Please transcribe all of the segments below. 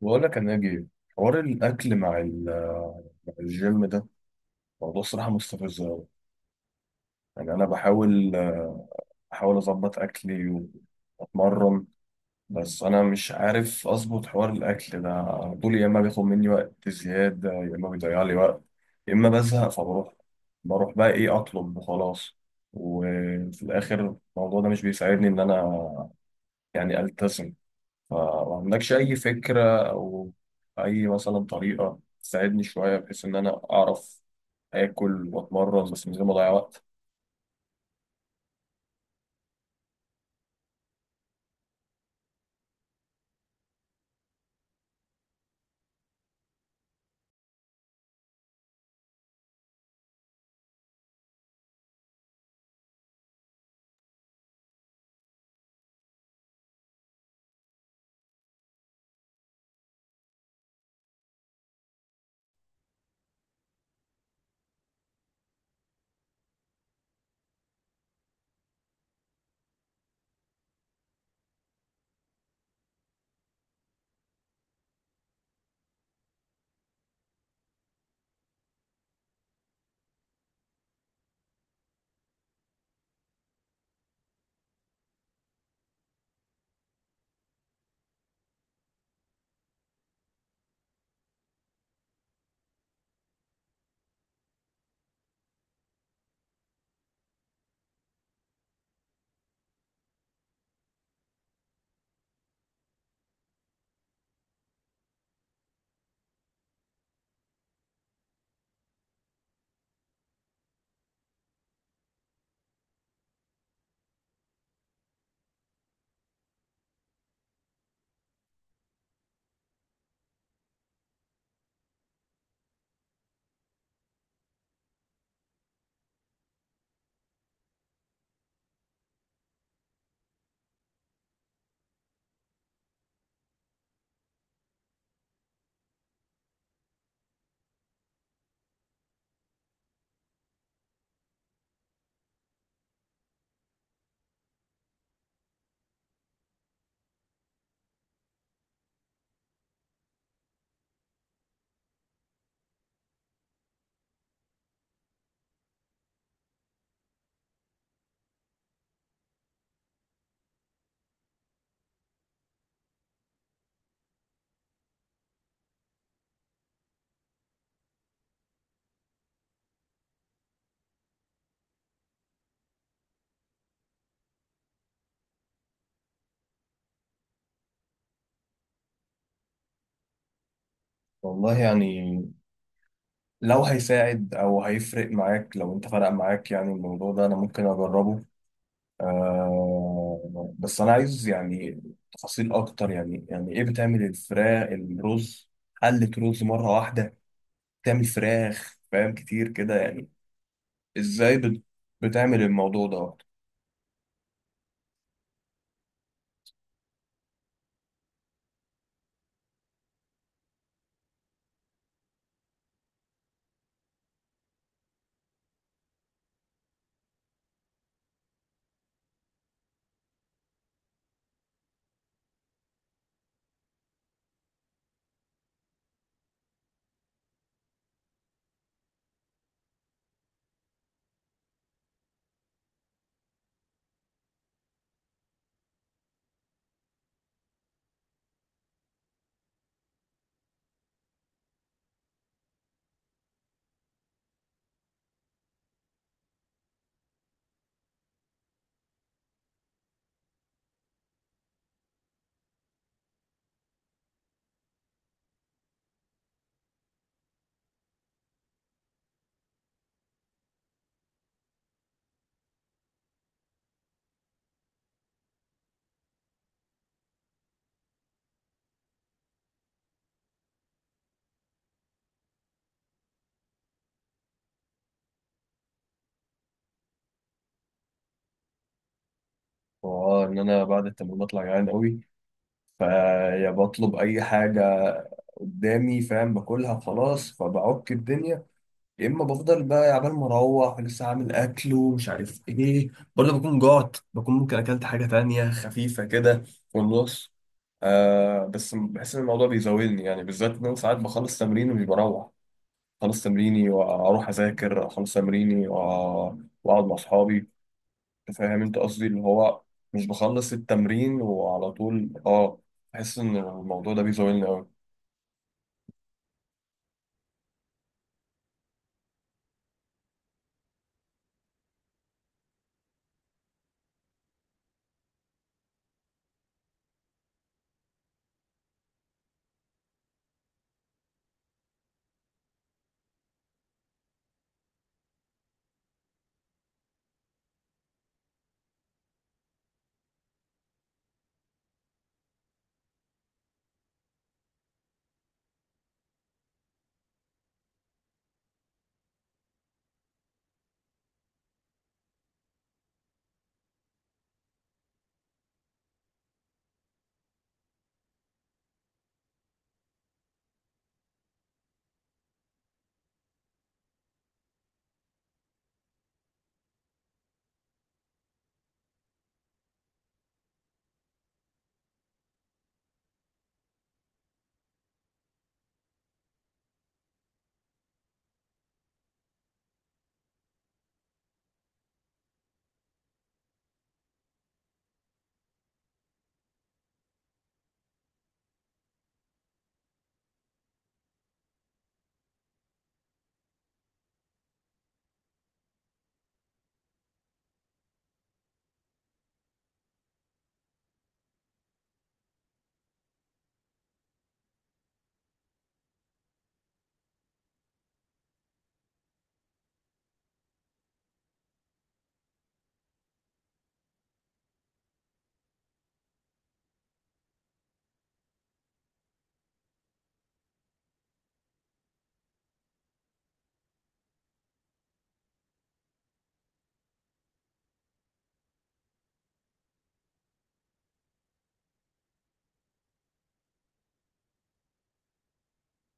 بقول لك يا ناجي، حوار الاكل مع مع الجيم ده موضوع صراحه مستفز أوي. يعني انا بحاول اظبط اكلي واتمرن. بس انا مش عارف اظبط حوار الاكل ده على طول. يا اما بياخد مني وقت زياده، يا اما بيضيع لي وقت، يا اما بزهق فبروح بقى ايه اطلب وخلاص. وفي الاخر الموضوع ده مش بيساعدني ان انا يعني التزم. فما عندكش أي فكرة أو أي مثلا طريقة تساعدني شوية بحيث إن أنا أعرف آكل وأتمرن بس من غير ما أضيع وقت؟ والله يعني لو هيساعد أو هيفرق معاك، لو أنت فرق معاك يعني، الموضوع ده أنا ممكن أجربه. آه، بس أنا عايز يعني تفاصيل أكتر. يعني يعني إيه بتعمل الفراخ الرز؟ قلة رز مرة واحدة، بتعمل فراخ فاهم كتير كده يعني؟ إزاي بتعمل الموضوع ده؟ واه، ان انا بعد التمرين بطلع جعان قوي، فيا بطلب اي حاجه قدامي فاهم، باكلها وخلاص فبعك الدنيا، يا اما بفضل بقى عبال ما اروح لسه عامل اكل ومش عارف ايه، ولا بكون جعت، بكون ممكن اكلت حاجه تانية خفيفه كده في النص. آه بس بحس ان الموضوع بيزاولني، يعني بالذات ان انا ساعات بخلص تمرين ومش بروح. خلص تمريني واروح اذاكر، اخلص تمريني واقعد مع اصحابي. انت فاهم انت قصدي، اللي هو مش بخلص التمرين وعلى طول اه. بحس ان الموضوع ده بيزولني قوي.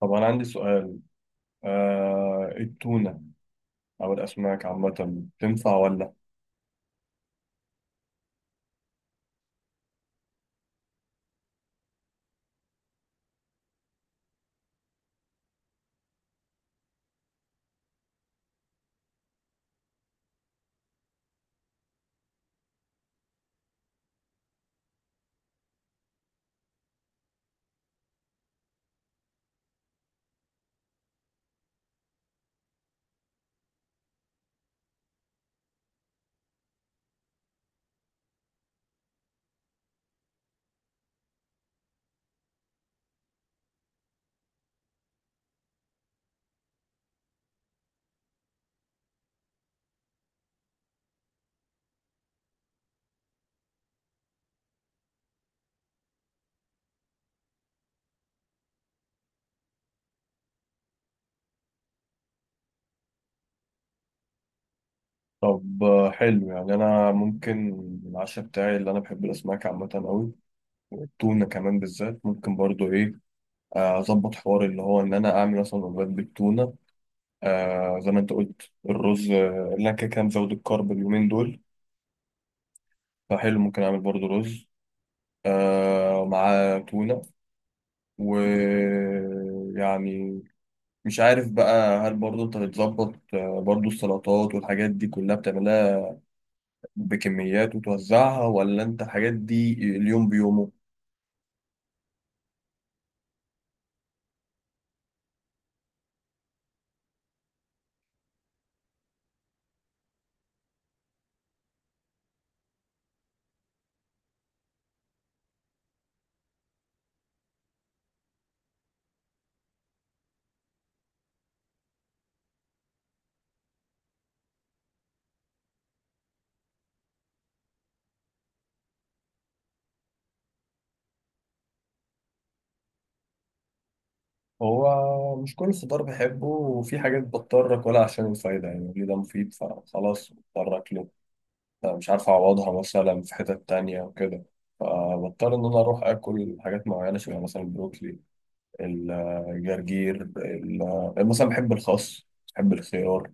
طب انا عندي سؤال، آه التونة او الاسماك عامة تنفع ولا؟ طب حلو. يعني انا ممكن العشاء بتاعي، اللي انا بحب الاسماك عامة قوي والتونة كمان بالذات، ممكن برضو ايه اظبط حوار اللي هو ان انا اعمل مثلا وجبات بالتونة. آه زي ما انت قلت الرز، اللي انا كده كده مزود الكرب اليومين دول. فحلو ممكن اعمل برضو رز آه مع تونة. ويعني مش عارف بقى، هل برضه انت بتظبط برضه السلطات والحاجات دي كلها بتعملها بكميات وتوزعها، ولا انت الحاجات دي اليوم بيومه؟ هو مش كل خضار بحبه، وفي حاجات بضطر اكلها عشان الفايدة، يعني ليه ده مفيد فخلاص بضطر اكله. مش عارف اعوضها مثلا في حتت تانية وكده، فبضطر ان انا اروح اكل حاجات معينة شبه مثلا البروكلي، الجرجير، مثلا بحب الخس، بحب الخيار.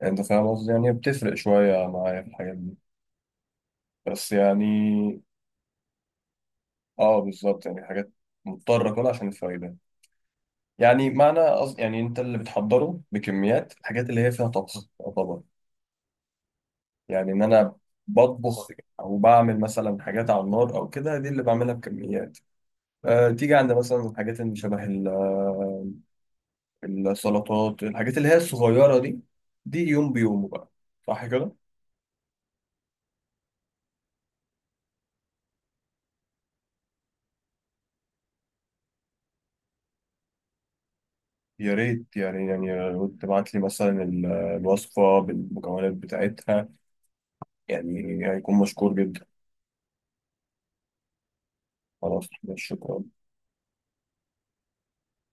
يعني انت فاهم قصدي، يعني بتفرق شوية معايا في الحاجات دي. بس يعني اه بالظبط، يعني حاجات مضطر اكلها عشان الفايدة. يعني معنى قصد، يعني انت اللي بتحضره بكميات الحاجات اللي هي فيها طبخ. طبعا، يعني ان انا بطبخ او بعمل مثلا حاجات على النار او كده، دي اللي بعملها بكميات. أه تيجي عند مثلا الحاجات اللي شبه السلطات، الحاجات اللي هي الصغيرة دي، دي يوم بيومه بقى. صح كده؟ يا ريت، يعني يعني لو تبعت لي مثلا الوصفة بالمكونات بتاعتها، يعني هيكون مشكور جدا. خلاص، شكرا.